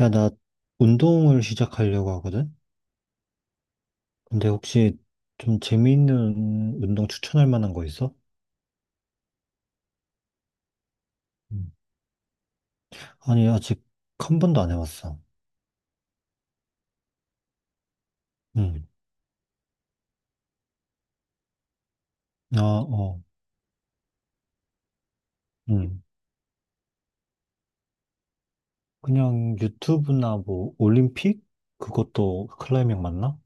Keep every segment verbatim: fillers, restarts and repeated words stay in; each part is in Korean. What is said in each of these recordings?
야, 나 운동을 시작하려고 하거든? 근데 혹시 좀 재미있는 운동 추천할 만한 거 있어? 음. 아니, 아직 한 번도 안 해봤어. 응. 아, 어, 응. 그냥 유튜브나 뭐, 올림픽? 그것도 클라이밍 맞나?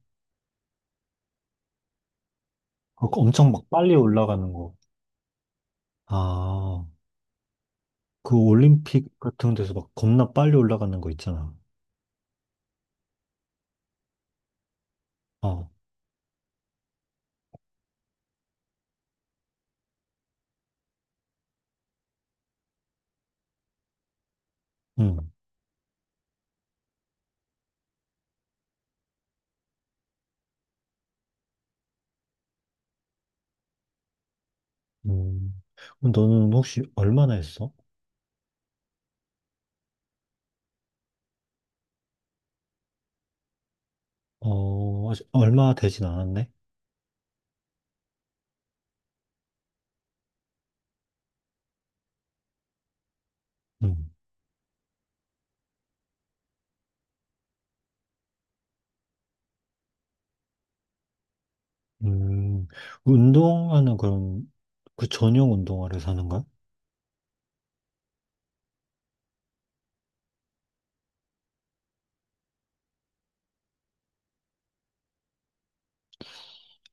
그거 엄청 막 빨리 올라가는 거. 아, 그 올림픽 같은 데서 막 겁나 빨리 올라가는 거 있잖아. 어, 응. 음. 그럼 너는 혹시 얼마나 했어? 어, 아직 얼마 되진 않았네? 응. 음, 운동화는 그럼 그 전용 운동화를 사는 거야?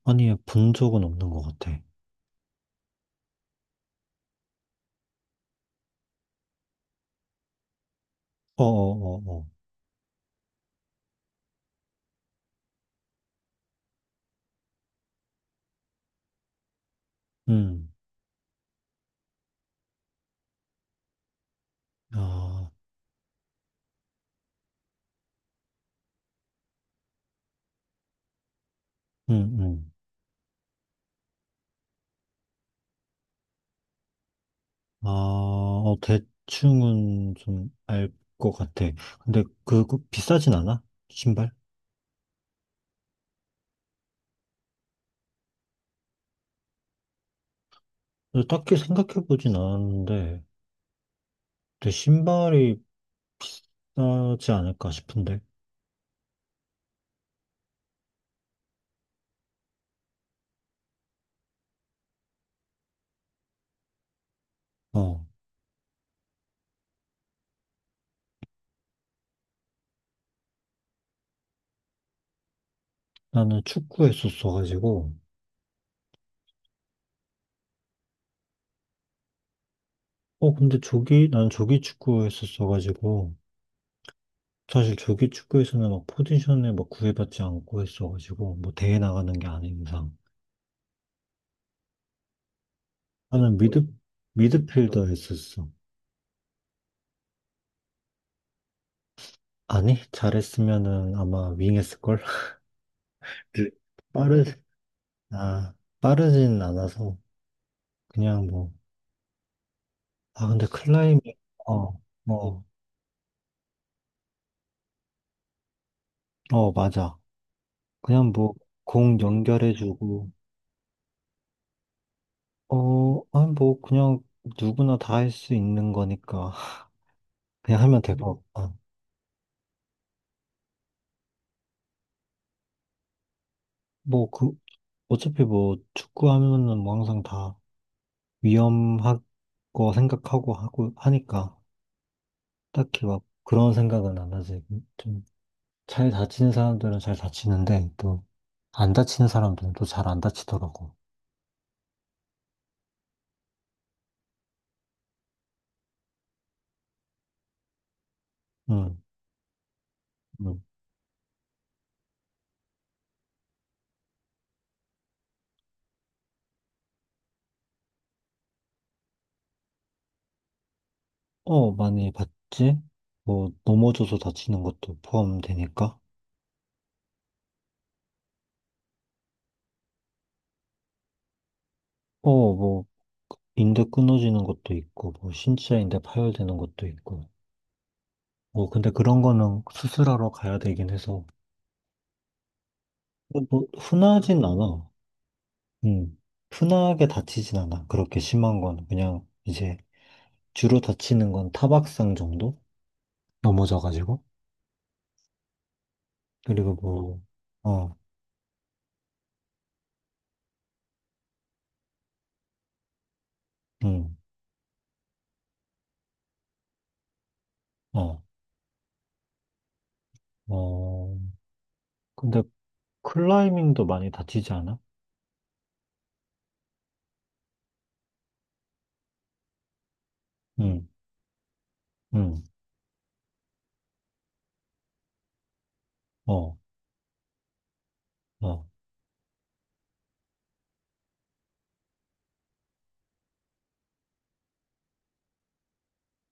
아니, 본 적은 없는 것 같아. 어어어어. 음, 아, 음, 음. 아, 어, 대충은 좀 알 것 같아. 근데 그거 비싸진 않아? 신발? 근데 딱히 생각해보진 않았는데, 근데 신발이 싸지 않을까 싶은데. 어, 나는 축구 했었어가지고. 어, 근데 조기, 난 조기 축구 했었어가지고. 사실 조기 축구에서는 막 포지션을 막 구애받지 않고 했어가지고 뭐 대회 나가는 게 아닌 이상 나는 뭐, 미드 미드필더 했었어. 아니 잘했으면은 아마 윙했을걸. 빠르 아 빠르진 않아서 그냥 뭐. 아 근데 클라이밍. 어 어 어 맞아. 그냥 뭐 공 연결해주고 어아뭐 그냥 누구나 다 할 수 있는 거니까. 그냥 하면 될것 같아. 뭐, 그, 어차피 뭐, 축구하면은 뭐 항상 다 위험하고 생각하고 하고 하니까 딱히 막 그런 생각은 안 하지. 좀, 잘 다치는 사람들은 잘 다치는데 또, 안 다치는 사람들은 또 잘 안 다치더라고. 응, 응. 어, 많이 봤지? 뭐, 넘어져서 다치는 것도 포함되니까. 어, 뭐, 인대 끊어지는 것도 있고, 뭐, 신체 인대 파열되는 것도 있고. 뭐, 근데 그런 거는 수술하러 가야 되긴 해서. 뭐, 뭐, 흔하진 않아. 음. 흔하게 다치진 않아. 그렇게 심한 건 그냥 이제 주로 다치는 건 타박상 정도? 넘어져가지고. 그리고 뭐, 어, 음, 어, 어. 근데 클라이밍도 많이 다치지 않아? 음, 음, 어, 어.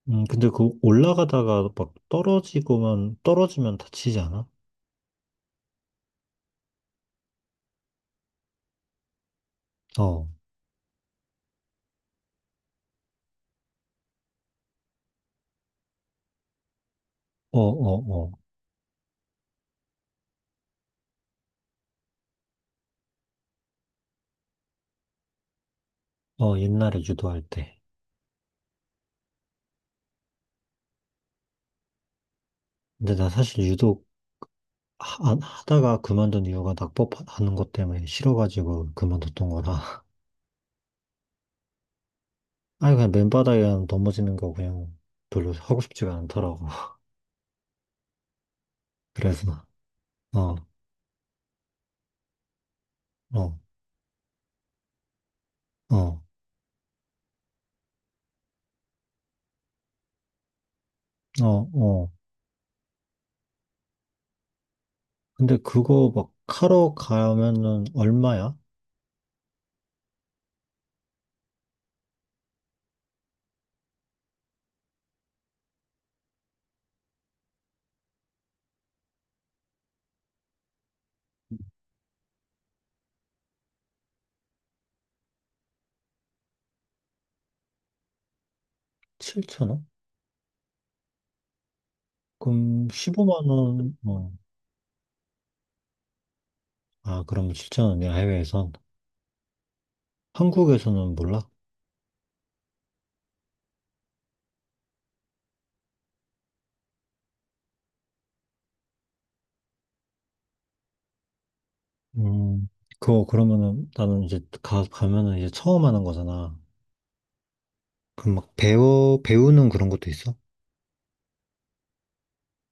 음, 근데 그 올라가다가 막 떨어지고만, 떨어지면 다치지 않아? 어, 어, 어, 어. 어, 옛날에 유도할 때. 근데 나 사실 유도 하- 안- 하다가 그만둔 이유가 낙법하는 것 때문에 싫어가지고 그만뒀던 거라. 아니, 그냥 맨바닥에 그냥 넘어지는 거 그냥 별로 하고 싶지가 않더라고. 그래서, 어, 어, 어, 어, 어. 근데 그거 막 하러 가면은 얼마야? 칠천 원? 그럼 십오만 원, 어. 아, 그러면 칠천 원이야, 해외에선. 한국에서는 몰라? 음, 그거 그러면은 나는 이제 가, 가면은 이제 처음 하는 거잖아. 그럼 막 배워, 배우는 그런 것도 있어?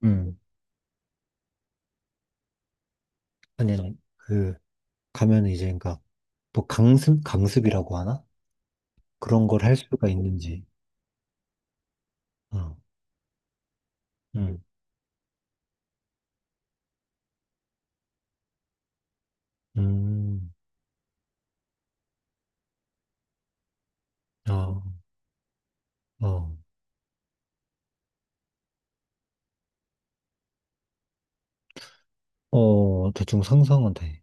음, 아니, 아니, 그, 가면 이제, 그니까 또 강습, 강습이라고 하나? 그런 걸 할 수가 있는지. 어, 음, 음, 어, 어, 어, 대충 상상은 돼.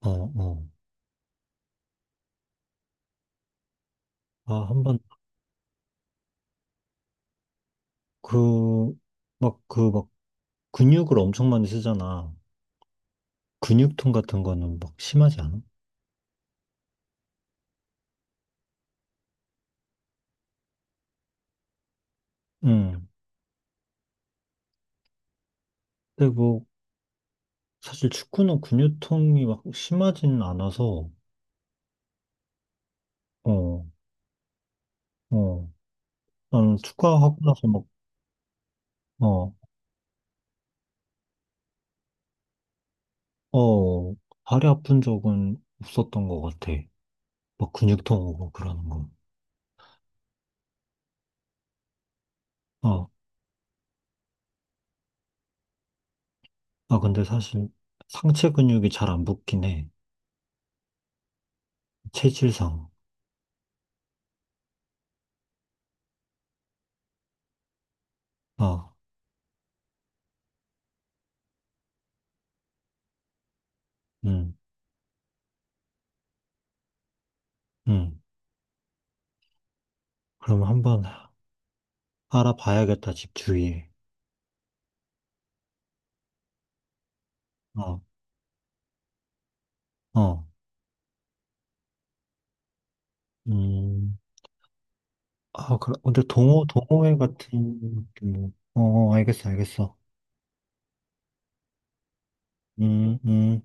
어, 어. 아, 한번, 그, 막, 그, 막, 근육을 엄청 많이 쓰잖아. 근육통 같은 거는 막 심하지 않아? 응. 근데 뭐, 사실 축구는 근육통이 막 심하지는 않아서, 어, 어. 나는 축구하고 나서 막, 어. 어, 다리 아픈 적은 없었던 것 같아. 막 근육통 오고 그러는 거. 어, 아, 근데 사실 상체 근육이 잘 안 붙긴 해. 체질상. 어, 음, 음. 그럼 한번 알아봐야겠다, 집 주위에. 어, 어, 음. 아, 그래. 근데 동호, 동호회 같은, 느낌으로. 어, 어, 알겠어, 알겠어. 음, 음.